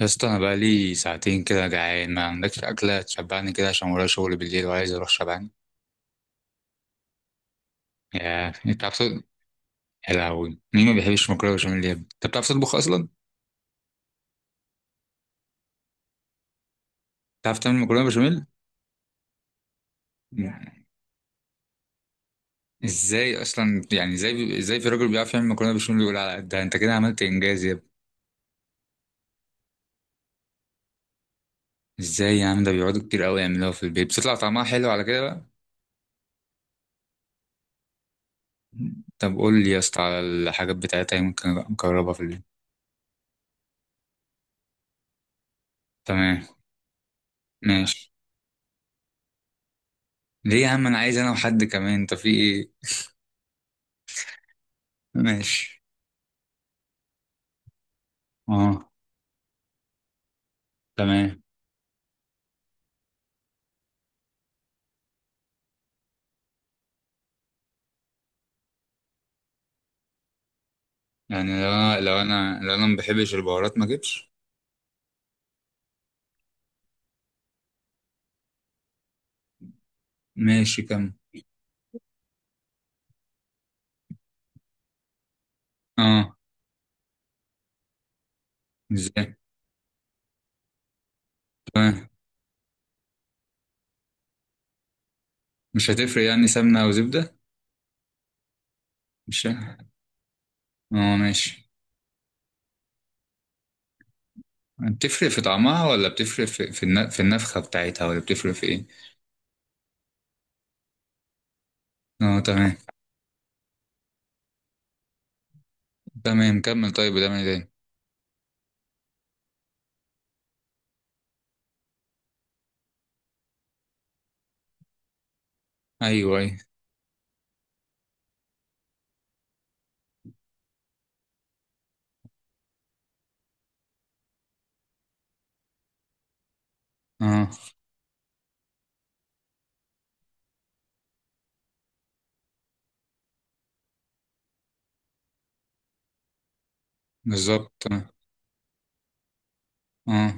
يا اسطى انا بقالي ساعتين كده جعان، ما عندكش اكله تشبعني كده عشان ورايا شغل بالليل وعايز اروح شبعان. يا انت بتعرف تطبخ؟ يا لهوي، مين ما بيحبش مكرونه بشاميل يا ابني؟ انت بتعرف تطبخ اصلا؟ بتعرف تعمل مكرونه بشاميل؟ ازاي اصلا؟ يعني ازاي في راجل بيعرف يعمل مكرونه بشاميل يقول على قدها؟ انت كده عملت انجاز يا ابني. ازاي يا عم؟ ده بيقعدوا كتير قوي يعملوها في البيت، بتطلع طعمها حلو على كده بقى؟ طب قول لي يا اسطى على الحاجات بتاعتها، يمكن نجربها في البيت. تمام. ماشي. ليه يا عم؟ انا عايز انا وحد كمان، انت في ايه؟ ماشي. اه. تمام. يعني لو انا ما بحبش البهارات ما اجيبش. ماشي كم؟ اه. ازاي؟ تمام. مش هتفرق يعني سمنة او زبدة؟ مش ه- اه، ماشي. بتفرق في طعمها، ولا بتفرق في النفخة بتاعتها، ولا بتفرق في ايه؟ اه، تمام. تمام، كمل. طيب بتعمل ايه تاني؟ ايوه، ايوه. اه. بالظبط، تمام. اه.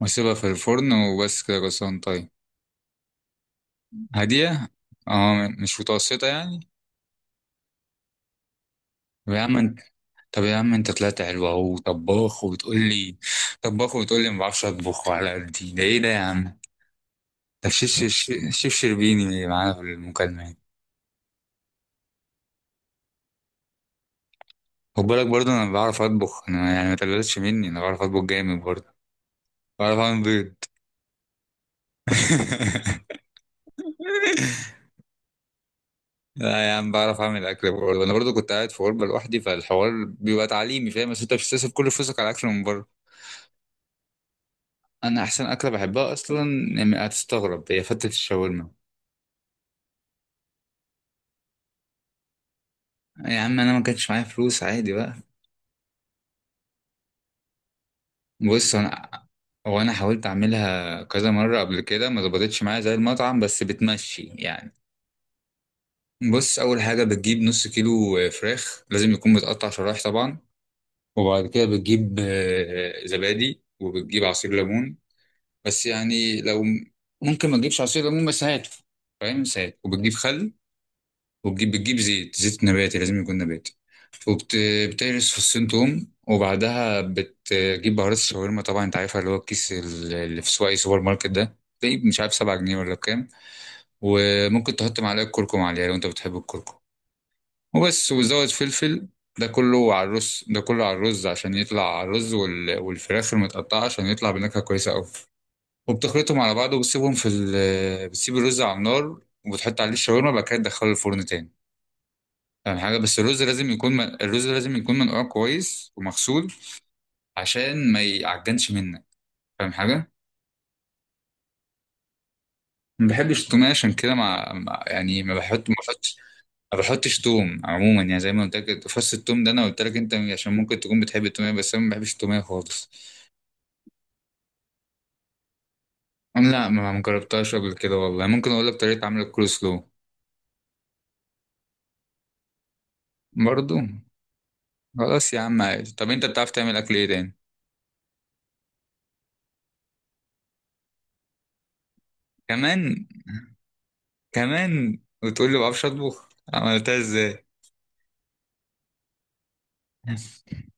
واسيبها في الفرن وبس كده؟ غصان طيب. هادية. اه، مش متوسطة يعني؟ طب يا عم انت طب يا عم انت طلعت حلو، اهو طباخ وبتقول لي، طباخ وبتقول لي ما بعرفش اطبخ وعلى قدي. ده ايه ده يا عم؟ ده شيف شيف، شيف شربيني معانا في المكالمة يعني. خد بالك برضه، انا بعرف اطبخ انا، يعني ما تقللش مني، انا بعرف اطبخ جامد برضه. بعرف اعمل بيض. لا يا عم، بعرف اعمل اكل برضه، انا برضه كنت قاعد في غربة لوحدي، فالحوار بيبقى تعليمي، فاهم؟ بس انت مش بتصرف كل فلوسك على اكل من بره. انا احسن اكله بحبها اصلا، يعني هتستغرب، هي فتة الشاورما. يا عم انا ما كانش معايا فلوس، عادي بقى. بص انا... هو انا حاولت اعملها كذا مره قبل كده، ما ظبطتش معايا زي المطعم، بس بتمشي يعني. بص، اول حاجه بتجيب نص كيلو فراخ، لازم يكون متقطع شرايح طبعا. وبعد كده بتجيب زبادي، وبتجيب عصير ليمون، بس يعني لو... ممكن ما تجيبش عصير ليمون بس هاته، فاهم؟ بس هات. وبتجيب خل، بتجيب زيت، زيت نباتي، لازم يكون نباتي. وبتهرس فصين توم، وبعدها بتجيب بهارات الشاورما، طبعا انت عارفها، اللي هو الكيس اللي في سواق أي سوبر ماركت ده، تلاقيه مش عارف 7 جنيه ولا بكام. وممكن تحط معلقة كركم عليها لو انت بتحب الكركم، وبس، وزود فلفل. ده كله على الرز، ده كله على الرز عشان يطلع على الرز والفراخ المتقطعة، عشان يطلع بنكهة كويسة أوي. وبتخلطهم على بعض وبتسيبهم بتسيب الرز على النار، وبتحط عليه الشاورما، بعد كده تدخله الفرن تاني. أهم حاجة، بس الرز لازم يكون الرز لازم يكون منقوع كويس ومغسول، عشان ما يعجنش منك. فاهم حاجة؟ ما بحبش التوم عشان كده، يعني ما بحطش. ما بحطش توم عموما، يعني زي ما قلت لك فص التوم ده انا قلت لك انت عشان ممكن تكون بتحب التوميه، بس انا ما بحبش التوميه خالص. لا ما جربتهاش قبل كده والله. ممكن اقول لك طريقه عمل الكول سلو. برضو. خلاص يا عم، عادي. طب انت بتعرف تعمل اكل ايه تاني؟ كمان؟ كمان وتقول لي ما بعرفش اطبخ؟ عملتها ازاي؟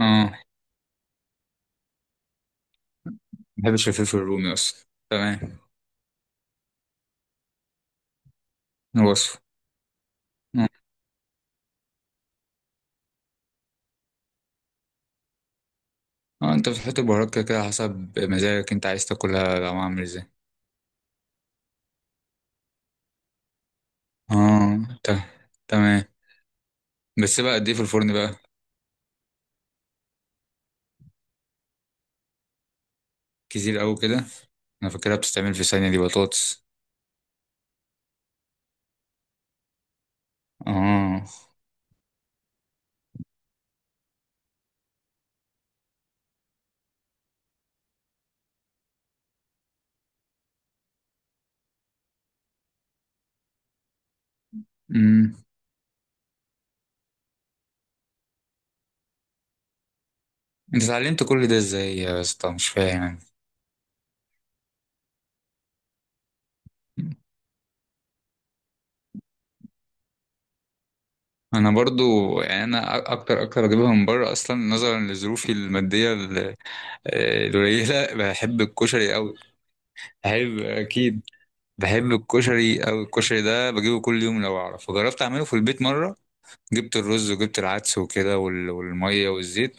اه، ما بحبش الفلفل الرومي اصلا، تمام. وصفه. اه. انت بتحط البهارات كده كده حسب مزاجك، انت عايز تاكلها طعمها عامل ازاي. اه تمام. بس بقى قد ايه في الفرن بقى؟ كتير قوي كده. انا فاكرها بتستعمل في ثانية دي بطاطس. اه. امم انت اتعلمت كل ده ازاي يا اسطى؟ مش فاهم يعني. انا برضو، يعني انا اكتر اكتر اجيبها من بره اصلا، نظرا لظروفي الماديه القليله. بحب الكشري قوي. بحب اكيد. بحب الكشري أوي، الكشري ده بجيبه كل يوم لو أعرف. وجربت أعمله في البيت مرة، جبت الرز وجبت العدس وكده والمية والزيت،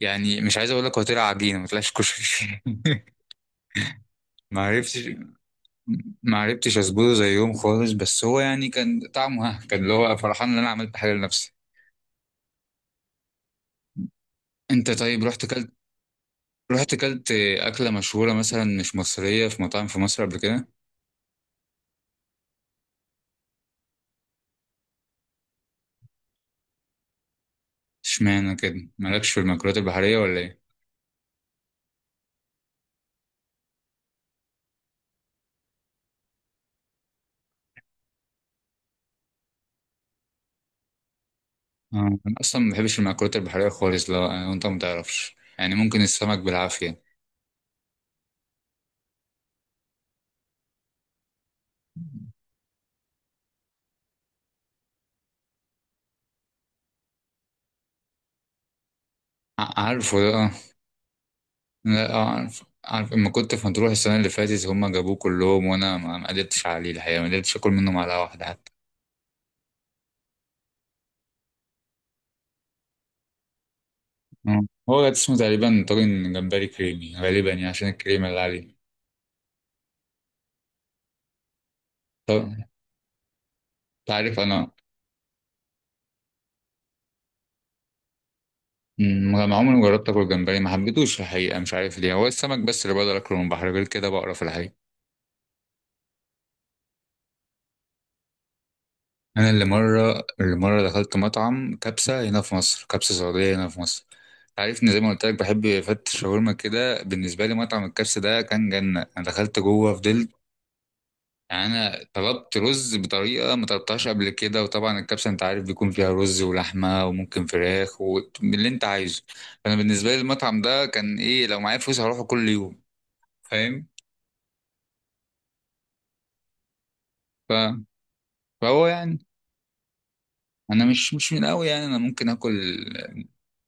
يعني مش عايز أقول لك، هو طلع عجينة، ما طلعش كشري. ما عرفتش، ما عرفتش أظبطه زيهم خالص، بس هو يعني كان طعمه ها، كان اللي هو فرحان إن أنا عملت حاجة لنفسي. أنت طيب رحت كلت أكلة مشهورة مثلا مش مصرية في مطاعم في مصر قبل كده؟ اشمعنى كده؟ مالكش في المأكولات البحرية ولا إيه؟ آه، أنا أصلا ما بحبش المأكولات البحرية خالص، لو يعني أنت ما تعرفش، يعني ممكن السمك بالعافية. عارفه ده، آه. لا عارف، عارف. لما كنت في مطروح السنة اللي فاتت هما جابوه كلهم، وأنا ما قدرتش عليه الحقيقة، ما قدرتش آكل منه معلقة واحدة حتى. آه. هو ده اسمه تقريبا طاجن جمبري كريمي غالبا، يعني عشان الكريمة اللي عليه. طب أنت عارف أنا... ما عمري ما جربت آكل جمبري، ما حبيتوش الحقيقة، مش عارف ليه، هو السمك بس اللي بقدر آكله من البحر، غير كده بقرف الحقيقة. انا اللي مره دخلت مطعم كبسه هنا في مصر، كبسه سعوديه هنا في مصر. عارفني زي ما قلت لك بحب فتة شاورما كده، بالنسبه لي مطعم الكبسه ده كان جنه، انا دخلت جوه فضلت. يعني انا طلبت رز بطريقه ما طلبتهاش قبل كده، وطبعا الكبسه انت عارف بيكون فيها رز ولحمه وممكن فراخ واللي انت عايزه. فانا بالنسبه لي المطعم ده كان ايه، لو معايا فلوس هروحه كل يوم. فاهم؟ ف- فهو يعني انا مش من قوي، يعني انا ممكن اكل،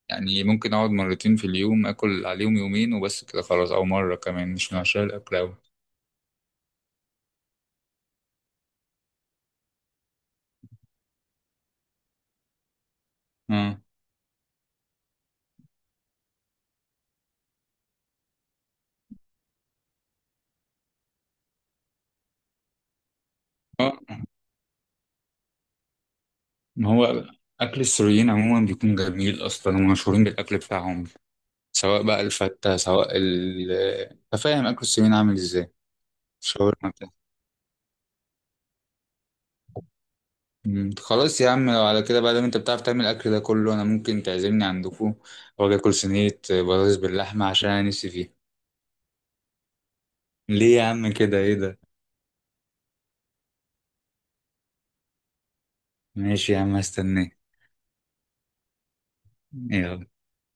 يعني ممكن اقعد مرتين في اليوم اكل عليهم يومين وبس كده خلاص، او مره كمان، مش من عشان الاكل اوي. اه. آه، ما هو اكل السوريين عموما بيكون جميل اصلا، هم مشهورين بالاكل بتاعهم، سواء بقى الفته سواء ال... أنت فاهم اكل السوريين عامل ازاي؟ شاورما بتاع... خلاص يا عم، لو على كده بقى، لو انت بتعرف تعمل الاكل ده كله، انا ممكن تعزمني عندكم واجي اكل صينيه بطاطس باللحمه، عشان انا نفسي فيها. ليه يا عم كده؟ ايه ده؟ ماشي يا عم، هستناك. يلا.